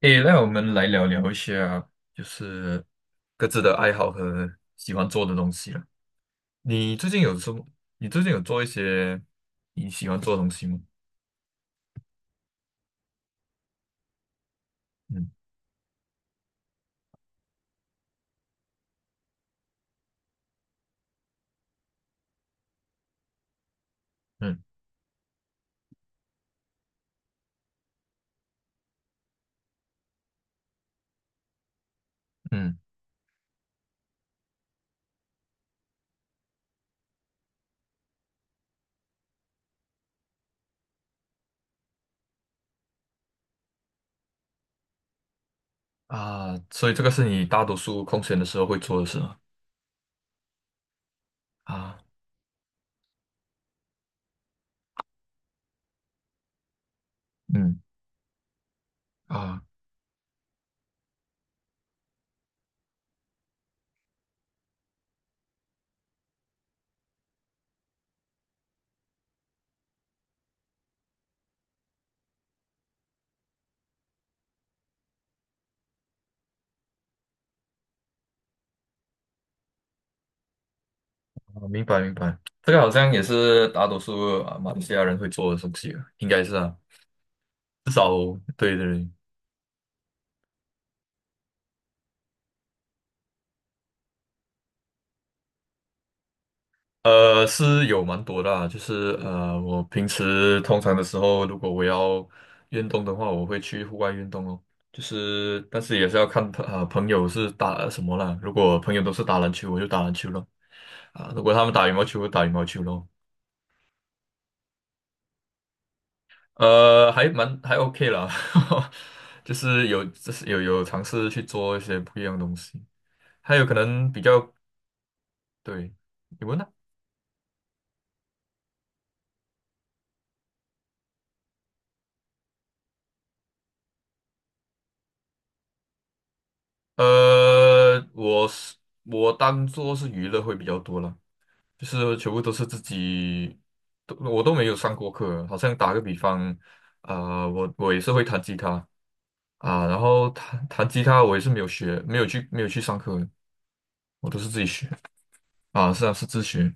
诶，那我们来聊聊一下，就是各自的爱好和喜欢做的东西了。你最近有什么？你最近有做一些你喜欢做的东西吗？嗯嗯嗯啊，所以这个是你大多数空闲的时候会做的事吗？啊，嗯啊，啊，明白明白，这个好像也是大多数啊马来西亚人会做的东西啊，应该是啊。对对。是有蛮多的啊，就是我平时通常的时候，如果我要运动的话，我会去户外运动哦。就是，但是也是要看朋友是打什么啦。如果朋友都是打篮球，我就打篮球咯。啊，如果他们打羽毛球，我打羽毛球咯。还 OK 啦，就是有有尝试去做一些不一样的东西，还有可能比较。对，你问呢？呃，我是我当做是娱乐会比较多了。就是全部都是自己，我都没有上过课。好像打个比方，啊、我也是会弹吉他，啊、然后弹弹吉他我也是没有学，没有去上课，我都是自己学。啊，是啊，是自学。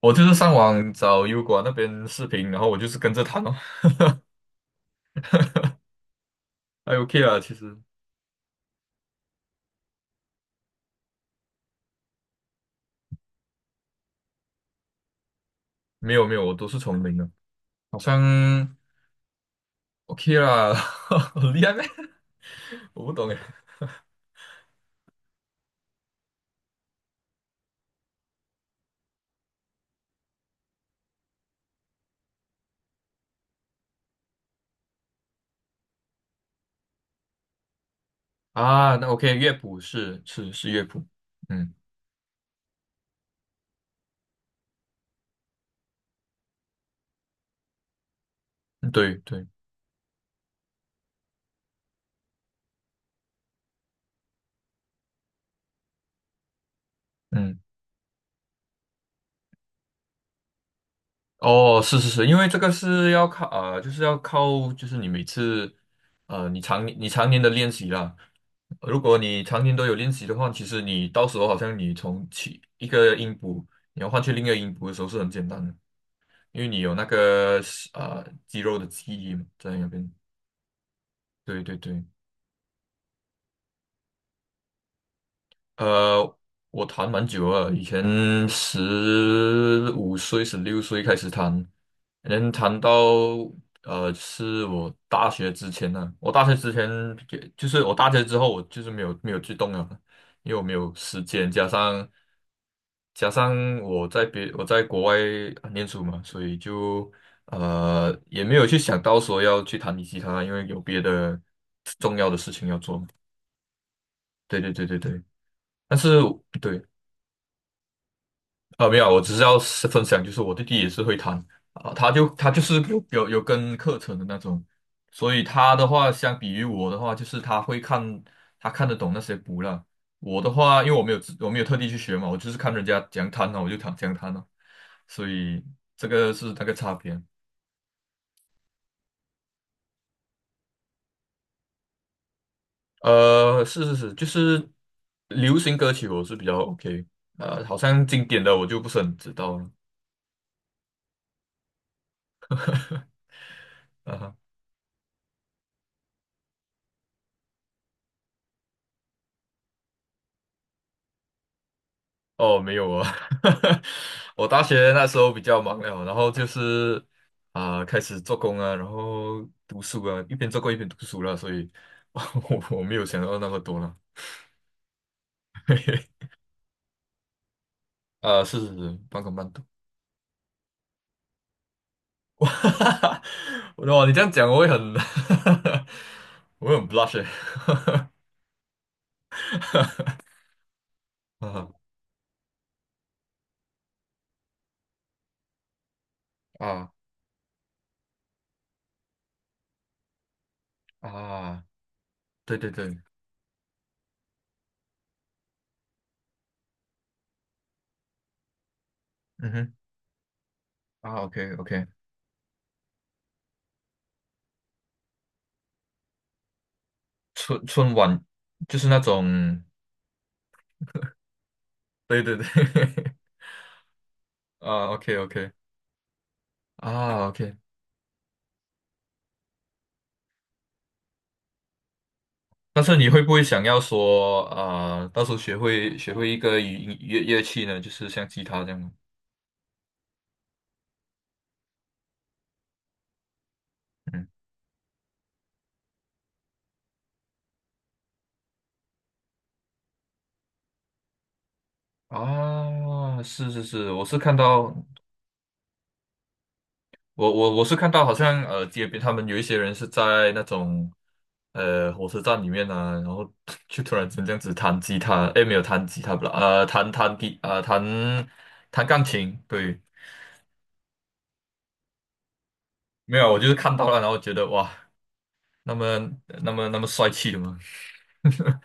我就是上网找油管那边视频，然后我就是跟着弹哦。还 OK 啦。其实没有没有，我都是从零的，好像 OK 啦，很厉害咩？我不懂哎。啊，那 OK，乐谱是乐谱。嗯，对对。嗯。哦，是是是，因为这个是要靠就是要靠，就是你每次你常年的练习啦。如果你常年都有练习的话，其实你到时候好像你从起一个音符，你要换去另一个音符的时候是很简单的，因为你有那个肌肉的记忆嘛，在那边。对对对。呃，我弹蛮久了，以前15岁、16岁开始弹，能弹到是我大学之前，也就是我大学之后，我就是没有去动了，因为我没有时间，加上加上我在别我在国外念书嘛，所以就也没有去想到说要去弹吉他，因为有别的重要的事情要做嘛。对对对对对。但是对，啊，没有，我只是要是分享，就是我弟弟也是会弹啊。他就是有跟课程的那种，所以他的话，相比于我的话，就是他看得懂那些谱了。我的话，因为我没有特地去学嘛，我就是看人家怎样弹呢，我就弹怎样弹呢，所以这个是那个差别。是是是，就是流行歌曲我是比较 OK，好像经典的我就不是很知道了。哦，没有啊，我大学那时候比较忙了，然后就是啊、开始做工啊，然后读书啊，一边做工一边读书了，所以 我我没有想到那么多了。啊、是是是，半工半读。哇，哇，你这样讲我会很 我会很 blush 欸。 啊啊啊！对对对，嗯哼，啊，OK OK，春晚就是那种，对对对。啊，OK OK。 啊，OK，但是你会不会想要说啊，到时候学会一个乐乐器呢？就是像吉他这样吗？嗯啊，是是是，我是看到好像街边他们有一些人是在那种火车站里面啊，然后 就突然间这样子弹吉他。诶，没有弹吉他不啦，呃，弹弹吉啊、呃、弹弹钢琴，对。没有，我就是看到了，然后觉得哇，那么那么那么帅气的吗？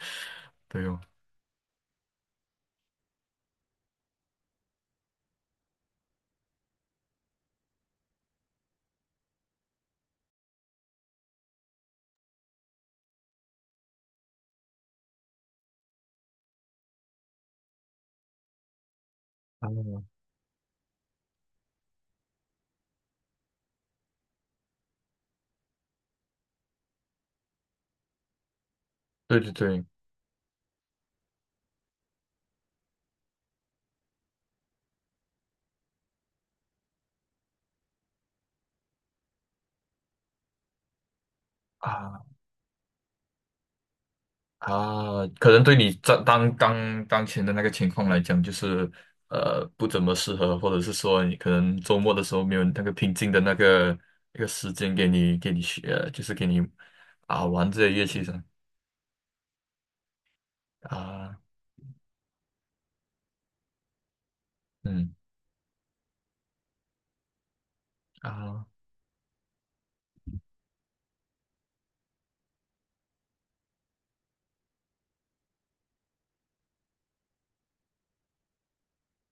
对哦。啊，对对对，啊啊，可能对你当前的那个情况来讲，就是不怎么适合，或者是说你可能周末的时候没有那个平静的那个一个时间给你学，就是给你啊玩这些乐器上啊，嗯啊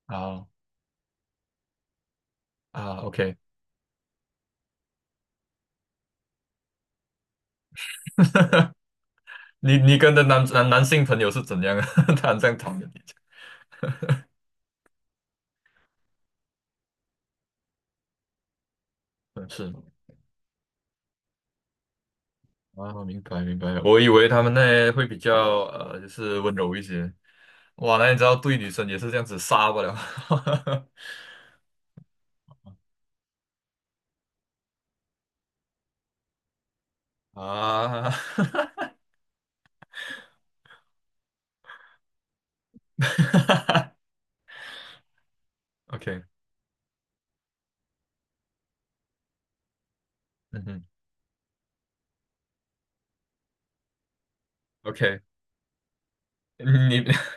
啊啊，OK，你跟的男性朋友是怎样啊？他很这样讨厌你，嗯是。啊，明白明白，我以为他们那会比较就是温柔一些。哇，那你知道对女生也是这样子杀不了 啊 ？OK，嗯哼，OK，你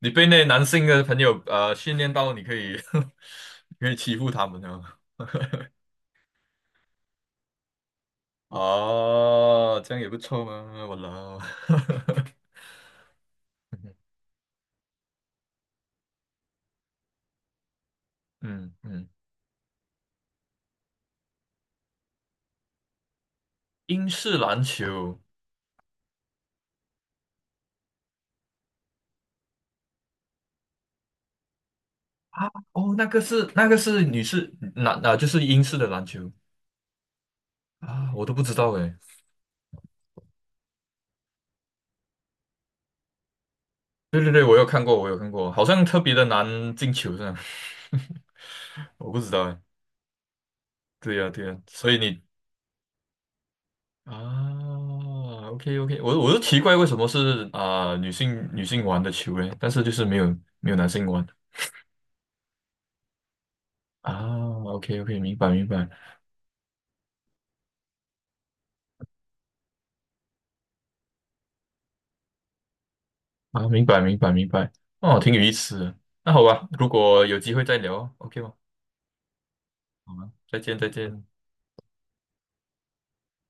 你被那男性的朋友训练到你可以 你可以欺负他们了。哦，这样也不错嘛，我老，嗯嗯，英式篮球。哦，那个是女士篮啊，就是英式的篮球。啊，我都不知道诶。对对对，我有看过，我有看过，好像特别的难进球这样，我不知道诶。对呀对呀，所以你啊，OK OK，我都奇怪为什么是啊、女性玩的球诶，但是就是没有男性玩啊。OK OK，明白明白。啊，明白明白明白，哦，挺有意思的。那好吧，如果有机会再聊哦，OK 吗？好吧，再见再见。